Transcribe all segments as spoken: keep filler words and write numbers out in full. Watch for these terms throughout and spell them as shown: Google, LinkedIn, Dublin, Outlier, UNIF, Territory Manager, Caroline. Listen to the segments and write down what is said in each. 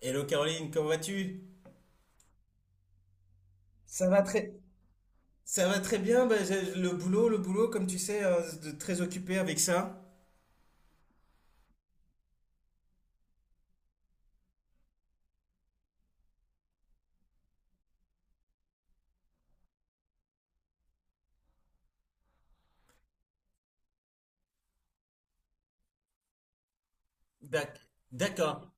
Hello Caroline, comment vas-tu? Ça va très... Ça va très bien, bah, j'ai- le boulot, le boulot, comme tu sais, euh, de- très occupé avec ça. D'ac- D'accord.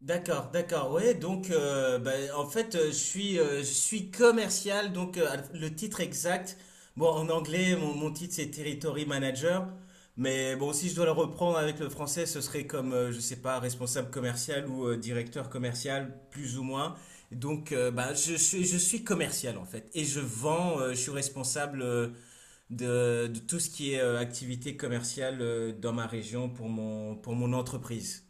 D'accord, d'accord, ouais, donc, euh, bah, en fait, euh, je suis, euh, je suis commercial. Donc, euh, le titre exact, bon, en anglais, mon, mon titre c'est Territory Manager, mais bon, si je dois le reprendre avec le français, ce serait comme, euh, je sais pas, responsable commercial ou euh, directeur commercial, plus ou moins. Donc, euh, bah, je, suis, je suis commercial en fait, et je vends. Euh, je suis responsable euh, de de tout ce qui est euh, activité commerciale euh, dans ma région pour mon, pour mon entreprise.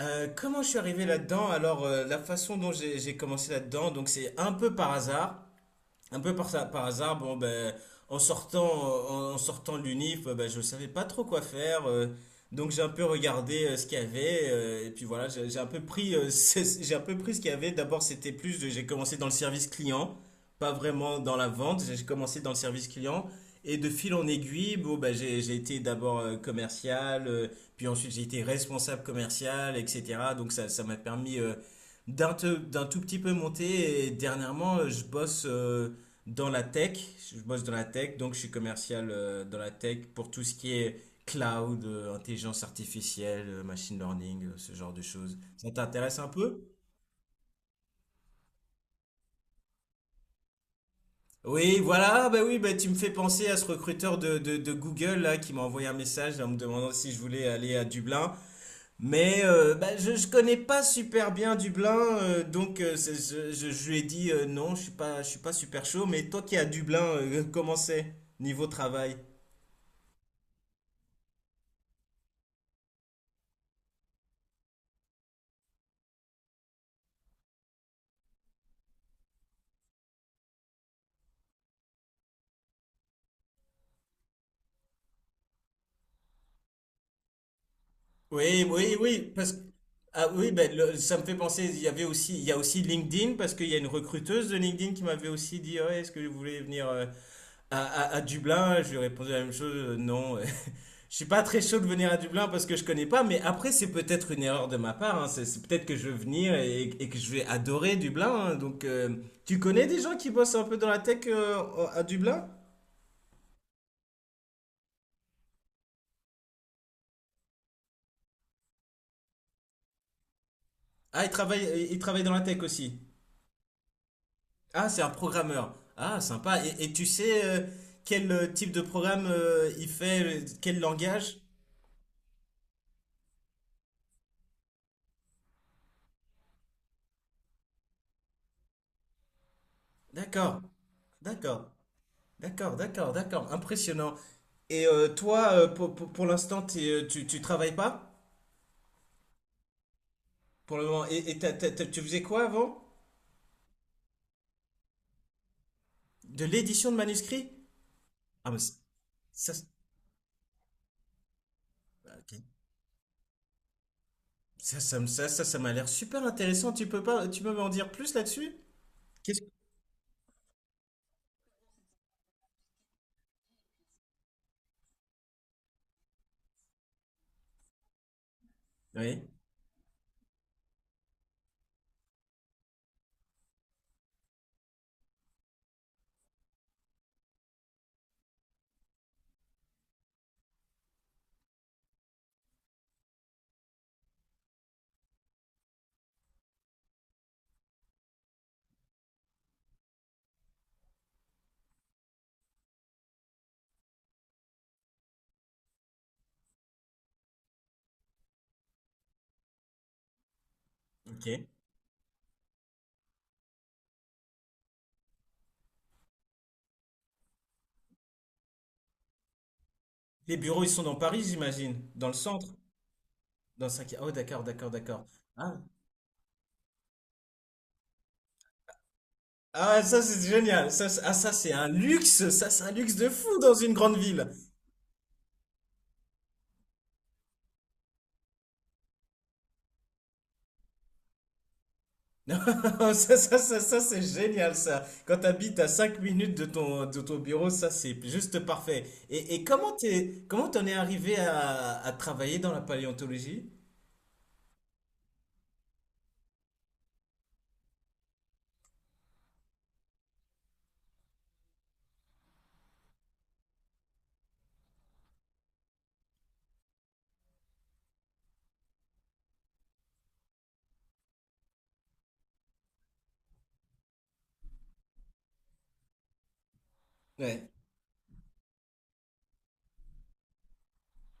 Euh, comment je suis arrivé là-dedans? Alors, euh, la façon dont j'ai j'ai commencé là-dedans, donc c'est un peu par hasard, un peu par, ça- par hasard. Bon, ben, en sortant, en, en sortant de l'UNIF, euh, ben, je ne savais pas trop quoi faire. Euh, donc j'ai un peu regardé euh, ce qu'il y avait. Euh, et puis voilà, j'ai j'ai un peu pris, euh, c'est- j'ai un peu pris ce qu'il y avait. D'abord, c'était plus, de- j'ai commencé dans le service client, pas vraiment dans la vente. J'ai commencé dans le service client. Et de fil en aiguille, bon, ben, j'ai j'ai été d'abord euh, commercial, euh, puis ensuite j'ai été responsable commercial, et cetera. Donc ça, ça m'a permis, euh, d'un te- d'un tout petit peu monter. Et dernièrement, euh, je bosse. Euh, dans la tech. Je bosse dans la tech, donc je suis commercial euh, dans la tech pour tout ce qui est cloud, euh, intelligence artificielle, euh, machine learning, euh, ce genre de choses. Ça t'intéresse un peu? Oui, voilà. Bah oui, bah tu me fais penser à ce recruteur de, de, de Google là, qui m'a envoyé un message en me demandant si je voulais aller à Dublin. Mais euh, bah, je ne connais pas super bien Dublin, euh, donc euh, c'est- je, je- je lui ai dit euh, non, je suis pas, je suis pas super chaud. Mais toi qui es à Dublin, euh, comment c'est niveau travail? Oui, oui, oui. Parce que, ah oui, ben le- ça me fait penser. Il y avait aussi, il y a aussi LinkedIn, parce qu'il y a une recruteuse de LinkedIn qui m'avait aussi dit: "Ouais, est-ce que vous voulez venir euh, à, à- à Dublin?" Je lui ai répondu la même chose, euh, non. Je suis pas très chaud de venir à Dublin parce que je connais pas. Mais après, c'est peut-être une erreur de ma part, hein. C'est c'est peut-être que je veux venir, et, et que je vais adorer Dublin, hein. Donc, euh, tu connais des gens qui bossent un peu dans la tech euh, à Dublin? Ah, ils travaillent, ils travaillent dans la tech aussi. Ah, c'est un programmeur. Ah, sympa. Et, et tu sais, euh, quel euh, type de programme euh, il fait, euh, quel langage? D'accord, d'accord, d'accord, d'accord, d'accord. Impressionnant. Et euh, toi, euh, pour, pour, pour l'instant, t'es, euh, tu, tu travailles pas pour le moment. Et, et t'as- t'as- t'as- tu faisais quoi avant? De l'édition de manuscrits? Ah, mais ça, ça, c- ok. ça, ça, me- ça, ça, ça m'a l'air super intéressant. Tu peux pas, Tu peux m'en dire plus là-dessus? Qu'est-ce que... Oui, ok. Les bureaux, ils sont dans Paris, j'imagine, dans le centre. Dans cinq Oh, d'accord, d'accord, d'accord. Ah. Ah, ouais, ça c'est génial. Ça, c'est- ah, ça c'est un luxe. Ça c'est un luxe de fou dans une grande ville. Ça, ça, ça, ça c'est génial, ça. Quand t'habites à cinq minutes de ton, de ton bureau, ça c'est juste parfait. Et, et comment t'es, comment t'en es arrivé à, à travailler dans la paléontologie? Ouais.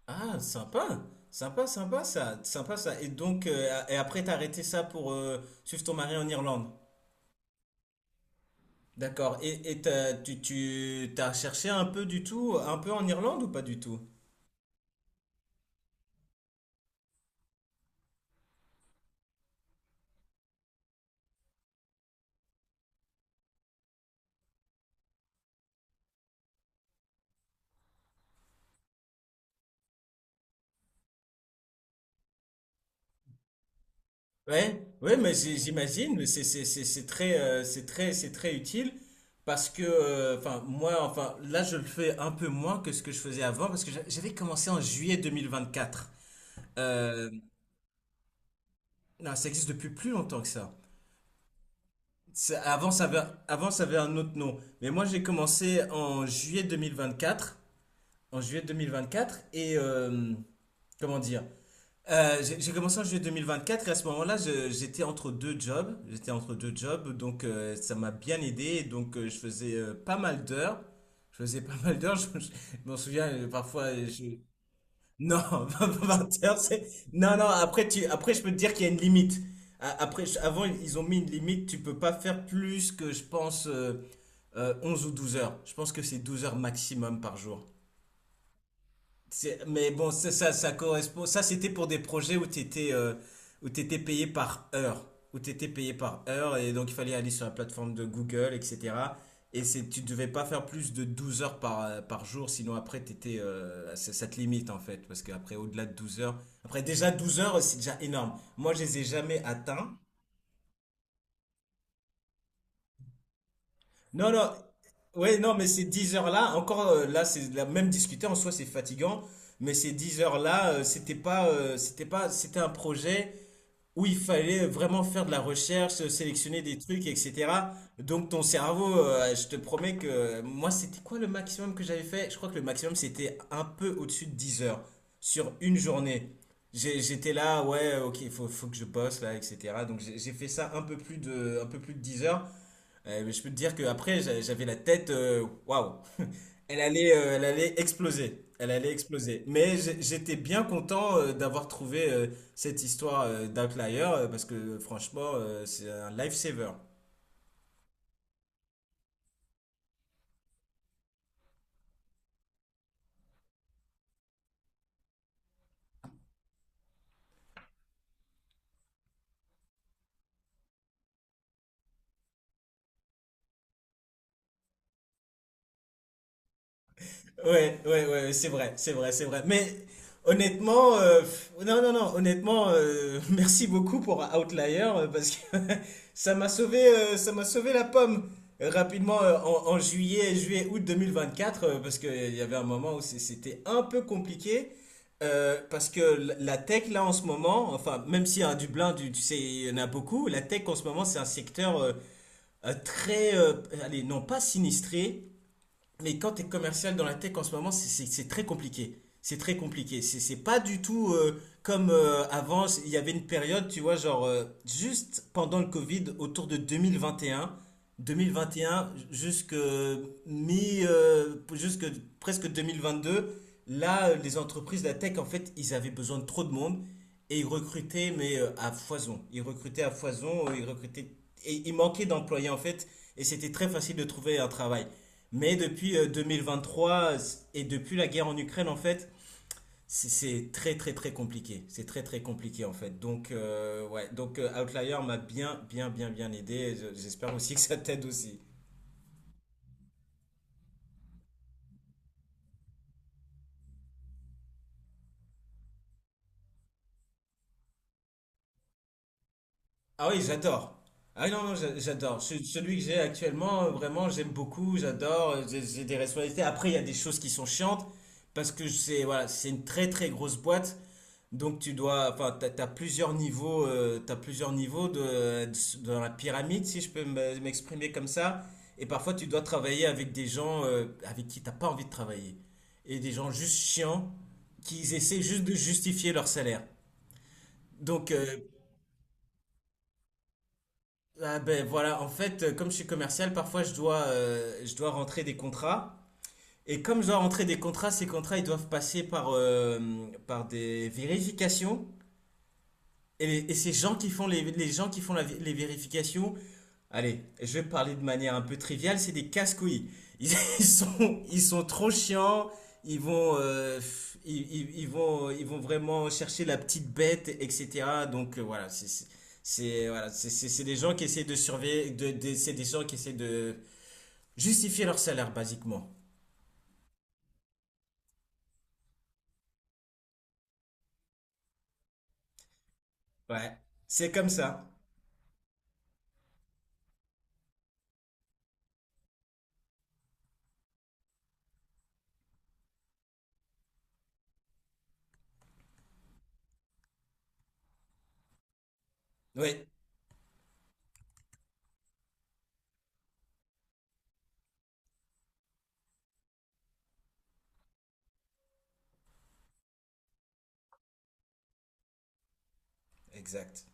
Ah, sympa. Sympa, sympa, ça. Sympa, ça. Et donc, euh, et après t'as arrêté ça pour euh, suivre ton mari en Irlande. D'accord. Et, et t'as- tu, tu t'as cherché un peu du tout, un peu en Irlande ou pas du tout? Ouais, ouais, mais j'- j'imagine. Mais c'est, c'est- c'est- c'est très, euh, c'est très, c'est très utile, parce que, euh, enfin, moi, enfin, là, je le fais un peu moins que ce que je faisais avant, parce que j'a- j'avais commencé en juillet deux mille vingt-quatre. Euh, non, ça existe depuis plus longtemps que ça. Ça- Avant, ça avait, avant, ça avait un autre nom. Mais moi, j'ai commencé en juillet deux mille vingt-quatre, en juillet deux mille vingt-quatre, et euh, comment dire? Euh, j'ai j'ai commencé en juillet deux mille vingt-quatre, et à ce moment-là, je- j'étais entre deux jobs. J'étais entre deux jobs, donc euh, ça m'a bien aidé. Et Donc euh, je faisais euh, pas mal d'heures. Je faisais pas mal d'heures. Je, je m'en souviens euh, parfois. euh, je- Non, pas vingt heures. c'est- Non, non. Après, tu... après, je peux te dire qu'il y a une limite. A- Après, je- avant, ils ont mis une limite. Tu peux pas faire plus que, je pense, euh, euh, onze ou douze heures. Je pense que c'est douze heures maximum par jour. C'est- Mais bon, ça, ça, ça correspond. Ça, c'était pour des projets où tu étais, où t'étais payé par heure. Où tu payé par heure. Et donc, il fallait aller sur la plateforme de Google, et cetera. Et c'est, tu ne devais pas faire plus de douze heures par, euh, par jour. Sinon, après, t'étais, euh, ça, ça te limite, en fait. Parce qu'après, au-delà de douze heures. Après, déjà, douze heures, c'est déjà énorme. Moi, je les ai jamais atteints. Non, non, ouais, non, mais ces dix heures-là, encore, euh, là, c'est la même, discuter en soi, c'est fatigant, mais ces dix heures-là, euh, c'était pas, euh, c'était pas, c'était un projet où il fallait vraiment faire de la recherche, euh, sélectionner des trucs, et cetera. Donc ton cerveau, euh, je te promets que euh, moi, c'était quoi le maximum que j'avais fait? Je crois que le maximum, c'était un peu au-dessus de dix heures sur une journée. J'ai- J'étais là, ouais, ok, il faut, faut que je bosse là, et cetera. Donc j'ai j'ai fait ça un peu plus de, un peu plus de dix heures. Euh, je peux te dire qu'après, j'a- j'avais la tête, euh, waouh. Elle allait, euh, elle allait exploser. Elle allait exploser. Mais j'ai- j'étais bien content euh, d'avoir trouvé euh, cette histoire euh, d'Outlier, euh, parce que franchement, euh, c'est un lifesaver. Ouais, ouais, ouais, ouais, c'est vrai, c'est vrai, c'est vrai. Mais honnêtement, euh, pff, non, non, non, honnêtement, euh, merci beaucoup pour Outlier, euh, parce que ça m'a sauvé, euh, ça m'a sauvé la pomme. Euh, rapidement euh, en, en juillet, juillet, août deux mille vingt-quatre, euh, parce qu'il y avait un moment où c'est- c'était un peu compliqué, euh, parce que la la tech là en ce moment, enfin, même si à Dublin, tu, tu sais, il y en a beaucoup, la tech en ce moment c'est un secteur euh, euh, très, euh, allez, non pas sinistré, mais quand tu es commercial dans la tech en ce moment, c'est- c'est très compliqué. C'est très compliqué. C'est c'est pas du tout euh, comme euh, avant. Il y avait une période, tu vois, genre euh, juste pendant le Covid, autour de deux mille vingt et un, deux mille vingt et un jusque mi, euh, jusque presque deux mille vingt-deux. Là, euh, les entreprises de la tech, en fait, ils avaient besoin de trop de monde, et ils recrutaient, mais euh, à foison. Ils recrutaient à foison. euh, Ils recrutaient, et il manquait d'employés en fait. Et c'était très facile de trouver un travail. Mais depuis euh, deux mille vingt-trois, et depuis la guerre en Ukraine, en fait, c'est- c'est très, très, très compliqué. C'est très très compliqué en fait. Donc, euh, ouais, donc euh, Outlier m'a bien, bien, bien, bien aidé. Et je- j'espère aussi que ça t'aide aussi. Ah oui, j'adore. Ah oui, non, non, j'a- j'adore. Ce- Celui que j'ai actuellement, euh, vraiment, j'aime beaucoup, j'adore, euh, j'ai j'ai des responsabilités. Après, il y a des choses qui sont chiantes, parce que c'est, voilà, c'est une très, très grosse boîte. Donc tu dois, enfin, t'as, t'as plusieurs niveaux, euh, t'as plusieurs niveaux de, de- dans la pyramide, si je peux me- m'exprimer comme ça. Et parfois tu dois travailler avec des gens, euh, avec qui t'as pas envie de travailler, et des gens juste chiants qui essaient juste de justifier leur salaire. Donc euh, ah ben voilà, en fait, euh, comme je suis commercial, parfois je dois, euh, je dois rentrer des contrats. Et comme je dois rentrer des contrats, ces contrats ils doivent passer par, euh, par des vérifications. Et, les- et ces gens qui font les, les gens qui font la vé- les vérifications, allez, je vais parler de manière un peu triviale, c'est des casse-couilles. Ils, ils sont, ils sont trop chiants. Ils vont, euh, f- ils, ils- ils vont, ils vont vraiment chercher la petite bête, et cetera. Donc, euh, voilà. C'est, c'est c'est- voilà, c'est c'est- c'est des gens qui essaient de surveiller, de, de- c'est des gens qui essaient de justifier leur salaire basiquement. Ouais, c'est comme ça. Oui, exact.